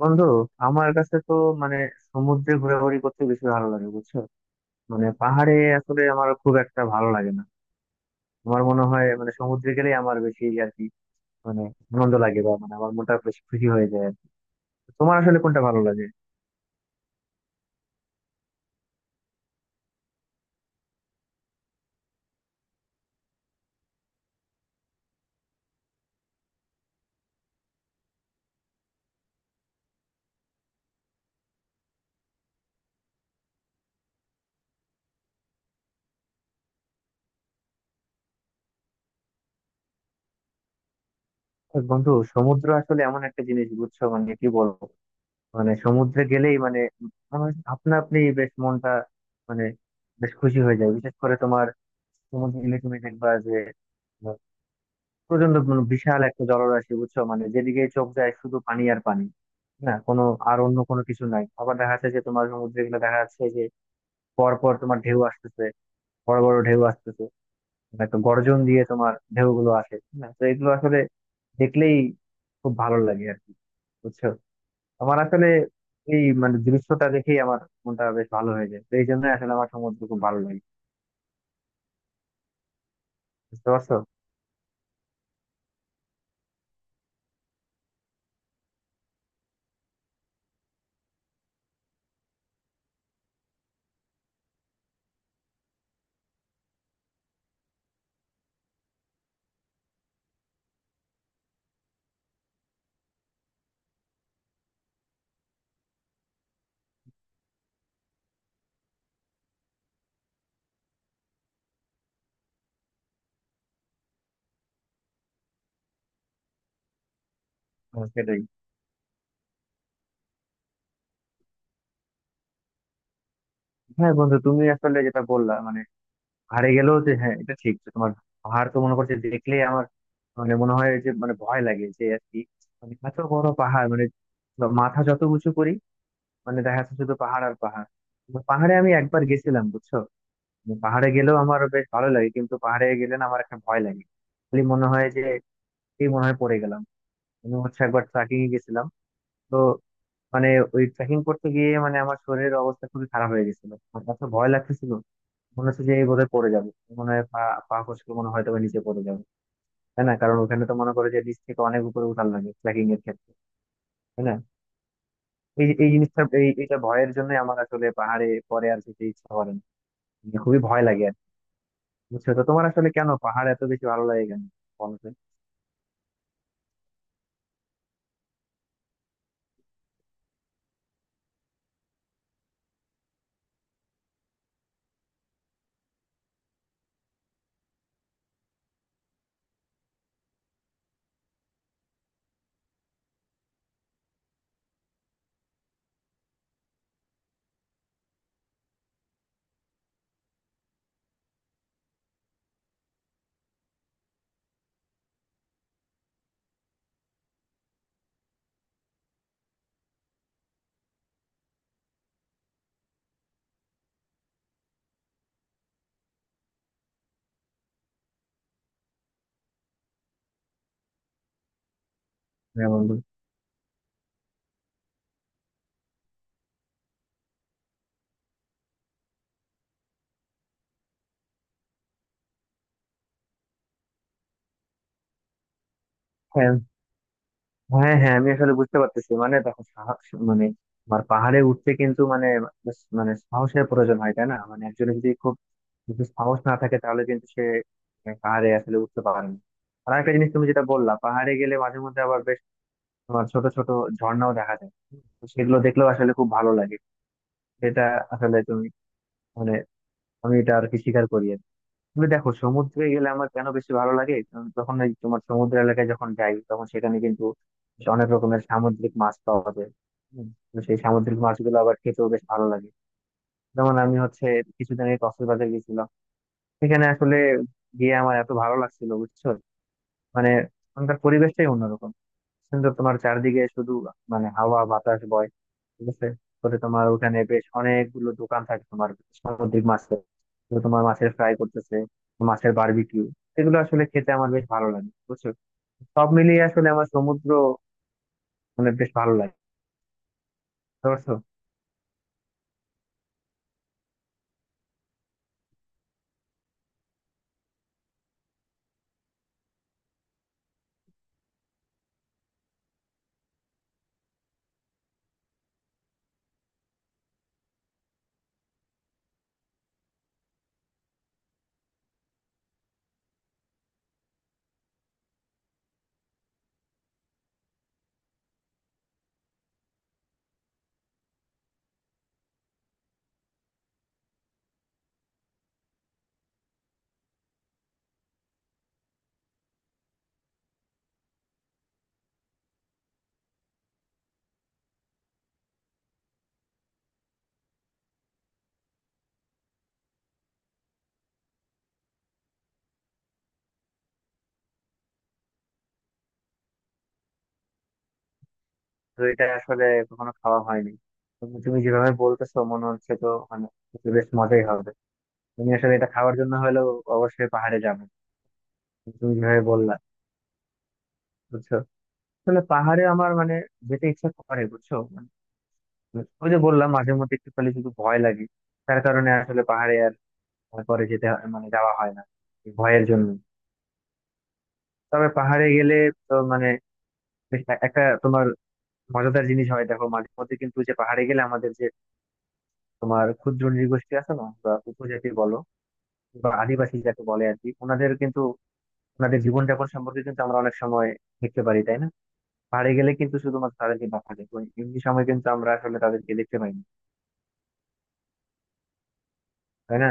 বন্ধু, আমার কাছে তো মানে সমুদ্রে ঘোরাঘুরি করতে বেশি ভালো লাগে, বুঝছো। পাহাড়ে আসলে আমার খুব একটা ভালো লাগে না। আমার মনে হয় সমুদ্রে গেলেই আমার বেশি আর কি, মানে আনন্দ লাগে, বা আমার মনটা বেশ খুশি হয়ে যায় আর কি। তোমার আসলে কোনটা ভালো লাগে? আর বন্ধু, সমুদ্র আসলে এমন একটা জিনিস, বুঝছো, কি বলবো, সমুদ্রে গেলেই আমার আপনা আপনি বেশ মনটা, মানে বেশ খুশি হয়ে যায়। বিশেষ করে তোমার সমুদ্রে গেলে তুমি দেখবা যে প্রচন্ড, বিশাল একটা জলরাশি, বুঝছো, যেদিকে চোখ যায় শুধু পানি আর পানি, না কোনো আর অন্য কোনো কিছু নাই। আবার দেখা যাচ্ছে যে তোমার সমুদ্রে গুলো দেখা যাচ্ছে যে পর পর তোমার ঢেউ আসতেছে, বড় বড় ঢেউ আসতেছে, একটা গর্জন দিয়ে তোমার ঢেউ গুলো আসে। না তো এগুলো আসলে দেখলেই খুব ভালো লাগে আর কি, বুঝছো। আমার আসলে এই দৃশ্যটা দেখেই আমার মনটা বেশ ভালো হয়ে যায়, তো এই জন্য আসলে আমার সমুদ্র খুব ভালো লাগে। বুঝতে পারছো? হ্যাঁ, সেটাই। হ্যাঁ বন্ধু, তুমি আসলে যেটা বললা হারে গেলেও, যে হ্যাঁ এটা ঠিক যে তোমার পাহাড় তো মনে করছে দেখলে আমার মনে হয় যে ভয় লাগে যে আর কি। এত বড় পাহাড়, মাথা যত উঁচু করি দেখা যাচ্ছে শুধু পাহাড় আর পাহাড়। তো পাহাড়ে আমি একবার গেছিলাম, বুঝছো। পাহাড়ে গেলেও আমার বেশ ভালো লাগে, কিন্তু পাহাড়ে গেলে না আমার একটা ভয় লাগে। খালি মনে হয় যে এই মনে হয় পড়ে গেলাম। আমি হচ্ছে একবার ট্রেকিং এ গেছিলাম, তো মানে ওই ট্রেকিং করতে গিয়ে আমার শরীরের অবস্থা খুবই খারাপ হয়ে গেছিল, আমার এত ভয় লাগতেছিল। মনে হচ্ছে যে এই বোধহয় পড়ে যাবে, মনে হয় পা পা খসলে মনে হয় তবে নিচে পড়ে যাবে, তাই না? কারণ ওখানে তো মনে করে যে নিচ থেকে অনেক উপরে উঠান লাগে ট্রেকিং এর ক্ষেত্রে, তাই না। এই এই জিনিসটা, এটা ভয়ের জন্য আমার আসলে পাহাড়ে পরে আর যেতে ইচ্ছা করে না, খুবই ভয় লাগে আর কি। বুঝছো? তো তোমার আসলে কেন পাহাড় এত বেশি ভালো লাগে, কেন বলো তো? হ্যাঁ বন্ধু, হ্যাঁ হ্যাঁ হ্যাঁ আমি আসলে বুঝতে পারতেছি। দেখো সাহস, মানে আমার পাহাড়ে উঠতে কিন্তু মানে মানে সাহসের প্রয়োজন হয়, তাই না। একজনের যদি খুব, যদি সাহস না থাকে, তাহলে কিন্তু সে পাহাড়ে আসলে উঠতে পারে না। আর একটা জিনিস তুমি যেটা বললা, পাহাড়ে গেলে মাঝে মধ্যে আবার বেশ তোমার ছোট ছোট ঝর্ণাও দেখা যায়, তো সেগুলো দেখলেও আসলে খুব ভালো লাগে। সেটা আসলে তুমি, মানে আমি এটা আর কি স্বীকার করি আর কি। তুমি দেখো সমুদ্রে গেলে আমার কেন বেশি ভালো লাগে, কারণ তখন ওই তোমার সমুদ্র এলাকায় যখন যাই, তখন সেখানে কিন্তু বেশ অনেক রকমের সামুদ্রিক মাছ পাওয়া যায়। হুম। তো সেই সামুদ্রিক মাছগুলো আবার খেতেও বেশ ভালো লাগে। যেমন আমি হচ্ছে কিছুদিন আগে কক্সবাজার গেছিলাম, সেখানে আসলে গিয়ে আমার এত ভালো লাগছিল, বুঝছো। মানে ওখানকার পরিবেশটাই অন্যরকম সুন্দর, তোমার চারদিকে শুধু হাওয়া বাতাস বয়, ঠিক আছে। পরে তোমার ওখানে বেশ অনেকগুলো দোকান থাকে তোমার সামুদ্রিক মাছের, তো তোমার মাছের ফ্রাই করতেছে, মাছের বারবিকিউ, এগুলো আসলে খেতে আমার বেশ ভালো লাগে, বুঝছো। সব মিলিয়ে আসলে আমার সমুদ্র বেশ ভালো লাগে। বুঝতে পারছো? তো এটা আসলে কখনো খাওয়া হয়নি। তুমি তুমি যেভাবে বলতেছো মনে হচ্ছে তো বেশ মজাই হবে। তুমি আসলে এটা খাওয়ার জন্য হলেও অবশ্যই পাহাড়ে যাবে, তুমি যেভাবে বললা, বুঝছো। আসলে পাহাড়ে আমার যেতে ইচ্ছা করে, বুঝছো। ওই যে বললাম, মাঝে মধ্যে একটু খালি শুধু ভয় লাগে, তার কারণে আসলে পাহাড়ে আর পরে যাওয়া হয় না, এই ভয়ের জন্য। তবে পাহাড়ে গেলে তো বেশ একটা তোমার মজাদার জিনিস হয়। দেখো মাঝে মধ্যে কিন্তু যে পাহাড়ে গেলে আমাদের যে তোমার ক্ষুদ্র নৃগোষ্ঠী আছে না, বা উপজাতি বলো বা আদিবাসী যাকে বলে আর কি, ওনাদের কিন্তু ওনাদের জীবনযাপন সম্পর্কে কিন্তু আমরা অনেক সময় দেখতে পারি, তাই না। পাহাড়ে গেলে কিন্তু শুধুমাত্র তাদেরকে দেখা যায়, ওই এমনি সময় কিন্তু আমরা আসলে তাদেরকে দেখতে পাই না, তাই না।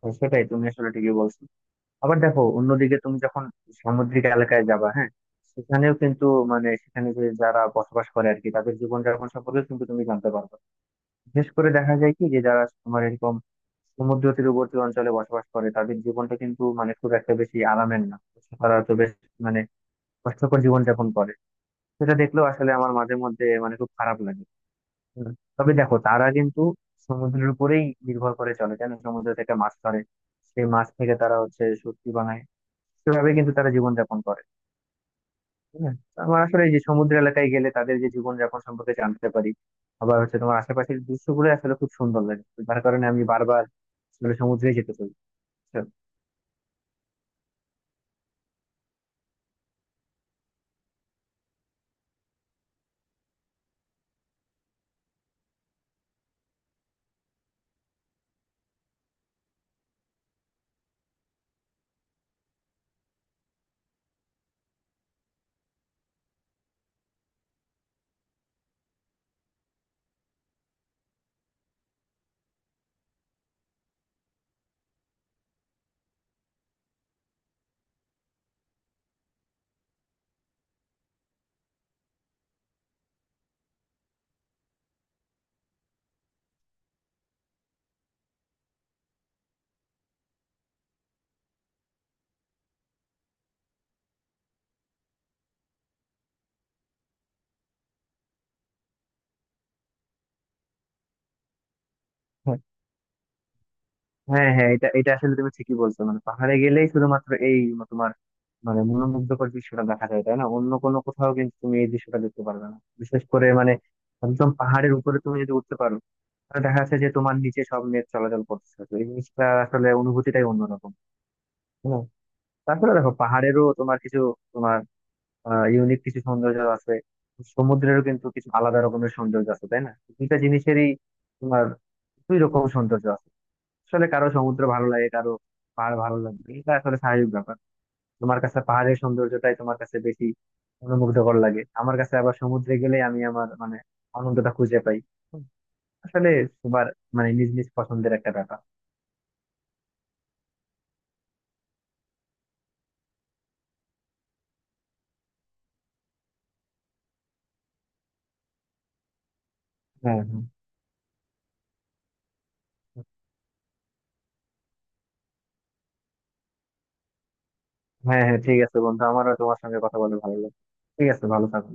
তো সেটাই, তুমি আসলে ঠিকই বলছো। আবার দেখো অন্যদিকে তুমি যখন সামুদ্রিক এলাকায় যাবা, হ্যাঁ, সেখানেও কিন্তু সেখানে যে যারা বসবাস করে আর কি, তাদের জীবনযাপন সম্পর্কে কিন্তু তুমি জানতে পারবে। বিশেষ করে দেখা যায় কি, যে যারা তোমার এরকম সমুদ্র তীরবর্তী অঞ্চলে বসবাস করে, তাদের জীবনটা কিন্তু খুব একটা বেশি আরামের না। তারা তো বেশ মানে কষ্টকর জীবনযাপন করে। সেটা দেখলেও আসলে আমার মাঝে মধ্যে খুব খারাপ লাগে। হুম। তবে দেখো তারা কিন্তু সমুদ্রের উপরেই নির্ভর করে চলে, জানো? সমুদ্র থেকে মাছ ধরে, সেই মাছ থেকে তারা হচ্ছে সবজি বানায়, সেভাবে কিন্তু তারা জীবনযাপন করে, ঠিক আছে? তো আমার আসলে এই যে সমুদ্র এলাকায় গেলে তাদের যে জীবনযাপন সম্পর্কে জানতে পারি, আবার হচ্ছে তোমার আশেপাশের দৃশ্যগুলো আসলে খুব সুন্দর লাগে, তার কারণে আমি বারবার আসলে সমুদ্রে যেতে চাই। বুঝছো? হ্যাঁ হ্যাঁ, এটা এটা আসলে তুমি ঠিকই বলছো। পাহাড়ে গেলেই শুধুমাত্র এই তোমার মনোমুগ্ধকর দৃশ্যটা দেখা যায়, তাই না। অন্য কোনো কোথাও কিন্তু তুমি এই দৃশ্যটা দেখতে পারবে না। বিশেষ করে একদম পাহাড়ের উপরে তুমি যদি উঠতে পারো, তাহলে দেখা যাচ্ছে যে তোমার নিচে সব নেট চলাচল করতেছে, তো এই জিনিসটা আসলে অনুভূতিটাই অন্যরকম, তাই না। তারপরে দেখো পাহাড়েরও তোমার কিছু তোমার ইউনিক কিছু সৌন্দর্য আছে, সমুদ্রেরও কিন্তু কিছু আলাদা রকমের সৌন্দর্য আছে, তাই না। দুইটা জিনিসেরই তোমার দুই রকম সৌন্দর্য আছে। আসলে কারো সমুদ্র ভালো লাগে, কারো পাহাড় ভালো লাগবে, এটা আসলে স্বাভাবিক ব্যাপার। তোমার কাছে পাহাড়ের সৌন্দর্যটাই তোমার কাছে বেশি অনুমুগ্ধকর লাগে, আমার কাছে আবার সমুদ্রে গেলে আমি আমার আনন্দটা খুঁজে পাই। আসলে সবার নিজ নিজ পছন্দের একটা ব্যাপার। হ্যাঁ হ্যাঁ। ঠিক আছে বন্ধু, আমারও তোমার সঙ্গে কথা বলে ভালো লাগে। ঠিক আছে, ভালো থাকো।